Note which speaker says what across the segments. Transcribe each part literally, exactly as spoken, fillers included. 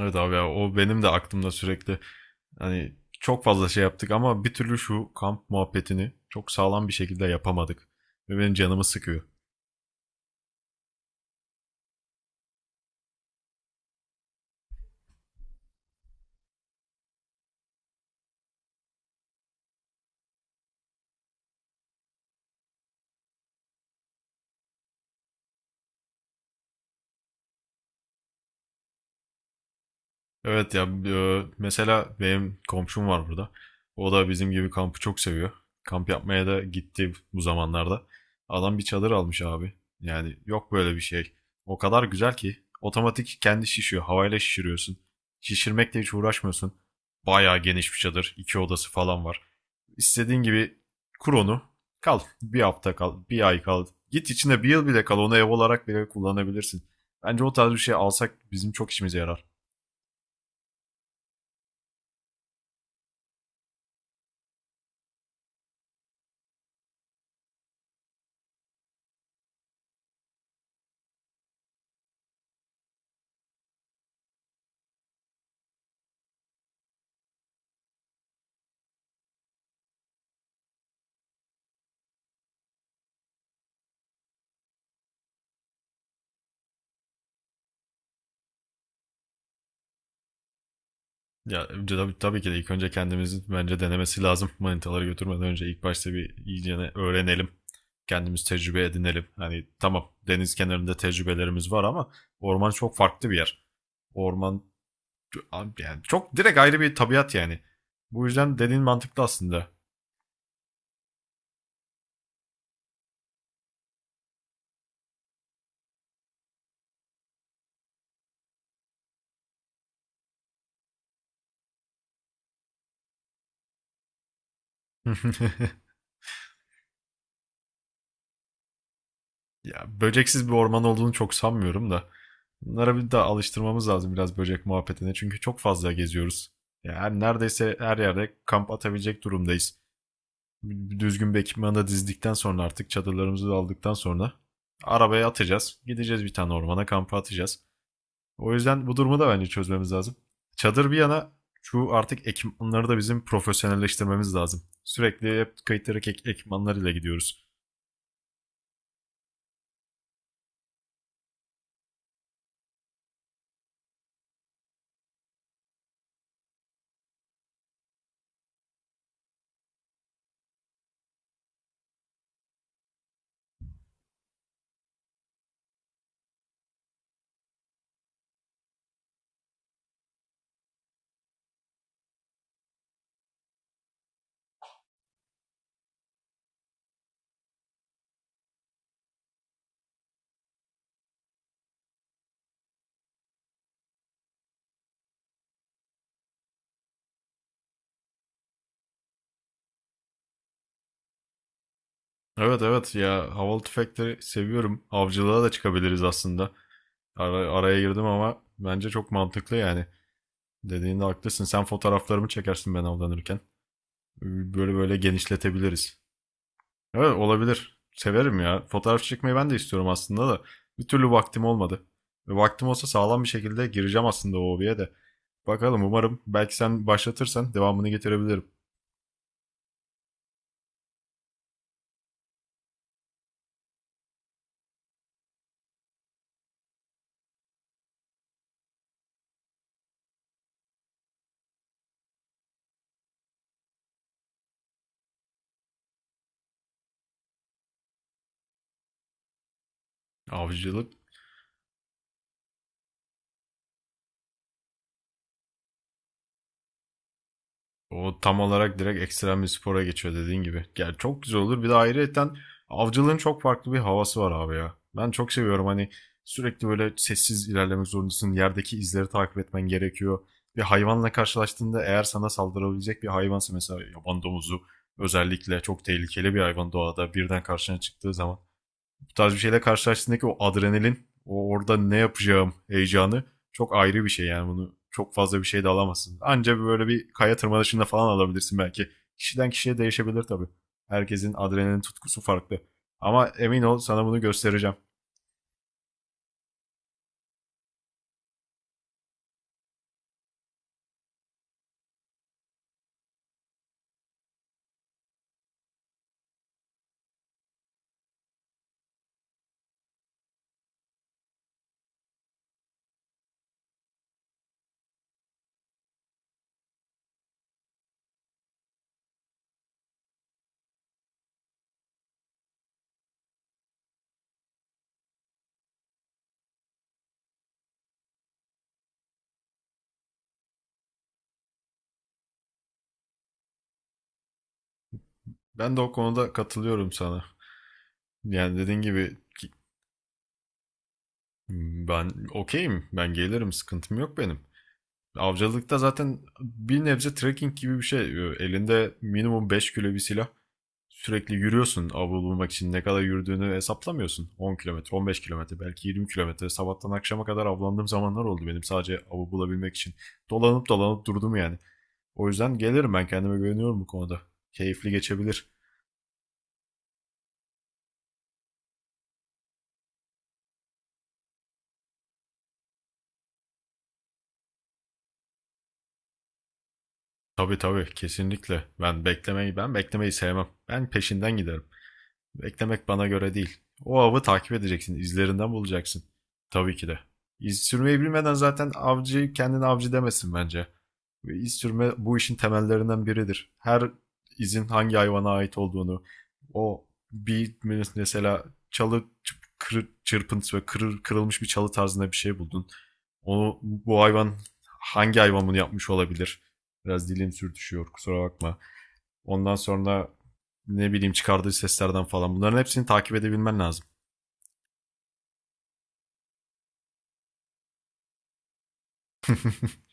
Speaker 1: Evet abi ya, o benim de aklımda sürekli. Hani çok fazla şey yaptık ama bir türlü şu kamp muhabbetini çok sağlam bir şekilde yapamadık. Ve benim canımı sıkıyor. Evet ya e, mesela benim komşum var burada. O da bizim gibi kampı çok seviyor. Kamp yapmaya da gitti bu zamanlarda. Adam bir çadır almış abi. Yani yok böyle bir şey. O kadar güzel ki otomatik kendi şişiyor. Havayla şişiriyorsun. Şişirmekle hiç uğraşmıyorsun. Bayağı geniş bir çadır. İki odası falan var. İstediğin gibi kur onu. Kal. Bir hafta kal. Bir ay kal. Git içinde bir yıl bile kal. Onu ev olarak bile kullanabilirsin. Bence o tarz bir şey alsak bizim çok işimize yarar. Ya önce tabii, tabii ki de ilk önce kendimizin bence denemesi lazım. Manitaları götürmeden önce ilk başta bir iyicene öğrenelim. Kendimiz tecrübe edinelim. Hani tamam, deniz kenarında tecrübelerimiz var ama orman çok farklı bir yer. Orman, yani çok direkt ayrı bir tabiat yani. Bu yüzden dediğin mantıklı aslında. Ya böceksiz bir orman olduğunu çok sanmıyorum da. Bunlara bir daha alıştırmamız lazım biraz böcek muhabbetine. Çünkü çok fazla geziyoruz. Yani neredeyse her yerde kamp atabilecek durumdayız. Düzgün bir ekipmanı da dizdikten sonra, artık çadırlarımızı da aldıktan sonra arabaya atacağız. Gideceğiz bir tane ormana kampa atacağız. O yüzden bu durumu da bence çözmemiz lazım. Çadır bir yana, şu artık ekipmanları da bizim profesyonelleştirmemiz lazım. Sürekli hep kayıtları ek ekipmanlarıyla gidiyoruz. Evet evet ya, havalı tüfekleri seviyorum. Avcılığa da çıkabiliriz aslında. Ara- araya girdim ama bence çok mantıklı yani. Dediğinde haklısın. Sen fotoğraflarımı çekersin ben avlanırken. Böyle böyle genişletebiliriz. Evet, olabilir. Severim ya. Fotoğraf çekmeyi ben de istiyorum aslında da. Bir türlü vaktim olmadı. Ve vaktim olsa sağlam bir şekilde gireceğim aslında o hobiye de. Bakalım, umarım belki sen başlatırsan devamını getirebilirim. Avcılık. O tam olarak direkt ekstrem bir spora geçiyor dediğin gibi. Yani çok güzel olur. Bir de ayrıyeten avcılığın çok farklı bir havası var abi ya. Ben çok seviyorum. Hani sürekli böyle sessiz ilerlemek zorundasın. Yerdeki izleri takip etmen gerekiyor. Bir hayvanla karşılaştığında, eğer sana saldırabilecek bir hayvansa, mesela yaban domuzu özellikle çok tehlikeli bir hayvan, doğada birden karşına çıktığı zaman bu tarz bir şeyle karşılaştığındaki o adrenalin, o orada ne yapacağım heyecanı çok ayrı bir şey yani. Bunu çok fazla bir şey de alamazsın. Anca böyle bir kaya tırmanışında falan alabilirsin belki. Kişiden kişiye değişebilir tabii. Herkesin adrenalin tutkusu farklı. Ama emin ol, sana bunu göstereceğim. Ben de o konuda katılıyorum sana. Yani dediğin gibi, ben okeyim. Ben gelirim. Sıkıntım yok benim. Avcılıkta zaten bir nebze trekking gibi bir şey. Elinde minimum beş kilo bir silah. Sürekli yürüyorsun, avlu bulmak için ne kadar yürüdüğünü hesaplamıyorsun. on kilometre, on beş kilometre, belki yirmi kilometre. Sabahtan akşama kadar avlandığım zamanlar oldu benim sadece avı bulabilmek için. Dolanıp dolanıp durdum yani. O yüzden gelirim, ben kendime güveniyorum bu konuda. Keyifli geçebilir. Tabii, tabii, kesinlikle. Ben beklemeyi ben beklemeyi sevmem. Ben peşinden giderim. Beklemek bana göre değil. O avı takip edeceksin. İzlerinden bulacaksın. Tabii ki de. İz sürmeyi bilmeden zaten avcı kendini avcı demesin bence. Ve iz sürme bu işin temellerinden biridir. Her izin hangi hayvana ait olduğunu, o bir mesela çalı çırp- çırpıntısı ve kırır, kırılmış bir çalı tarzında bir şey buldun. Onu bu hayvan Hangi hayvan bunu yapmış olabilir? Biraz dilim sürtüşüyor, kusura bakma. Ondan sonra ne bileyim, çıkardığı seslerden falan bunların hepsini takip edebilmen lazım.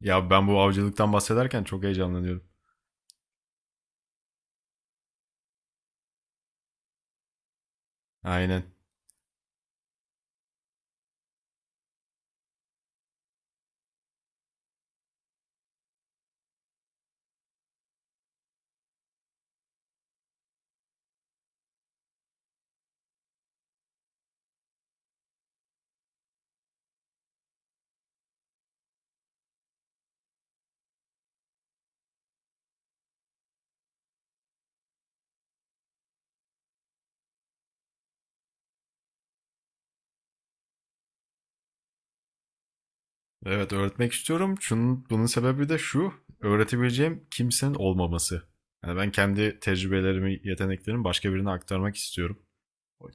Speaker 1: Ya ben bu avcılıktan bahsederken çok heyecanlanıyorum. Aynen. Evet, öğretmek istiyorum. Şunun, bunun sebebi de şu. Öğretebileceğim kimsenin olmaması. Yani ben kendi tecrübelerimi, yeteneklerimi başka birine aktarmak istiyorum.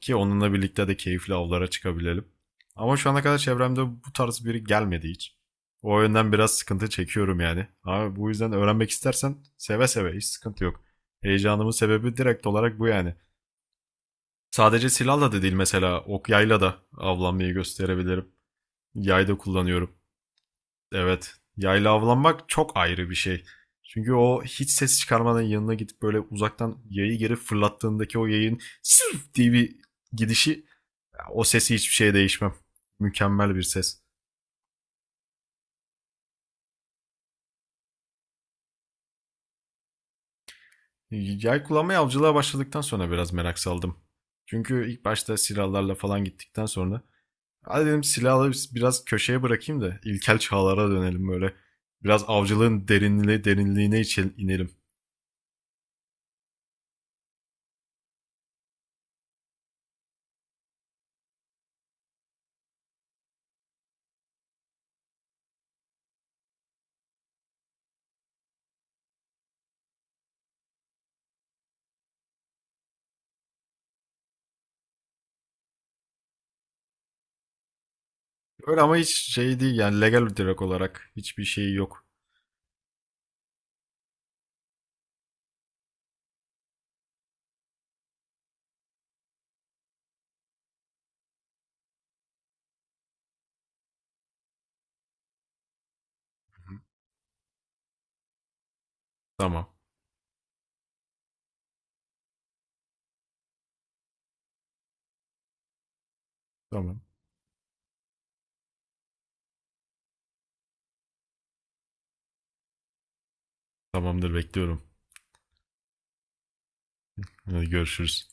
Speaker 1: Ki onunla birlikte de keyifli avlara çıkabilelim. Ama şu ana kadar çevremde bu tarz biri gelmedi hiç. O yönden biraz sıkıntı çekiyorum yani. Abi, bu yüzden öğrenmek istersen seve seve, hiç sıkıntı yok. Heyecanımın sebebi direkt olarak bu yani. Sadece silahla da değil, mesela ok yayla da avlanmayı gösterebilirim. Yay da kullanıyorum. Evet, yayla avlanmak çok ayrı bir şey. Çünkü o hiç ses çıkarmadan yanına gidip böyle uzaktan yayı geri fırlattığındaki o yayın sırf diye bir gidişi, o sesi hiçbir şeye değişmem. Mükemmel bir ses. Yay kullanmaya avcılığa başladıktan sonra biraz merak saldım. Çünkü ilk başta silahlarla falan gittikten sonra hadi dedim, silahları biraz köşeye bırakayım da ilkel çağlara dönelim böyle. Biraz avcılığın derinliği derinliğine inelim. Öyle ama hiç şey değil yani, legal, direkt olarak hiçbir şey yok. Tamam. Tamam. Tamamdır, bekliyorum. Hadi görüşürüz.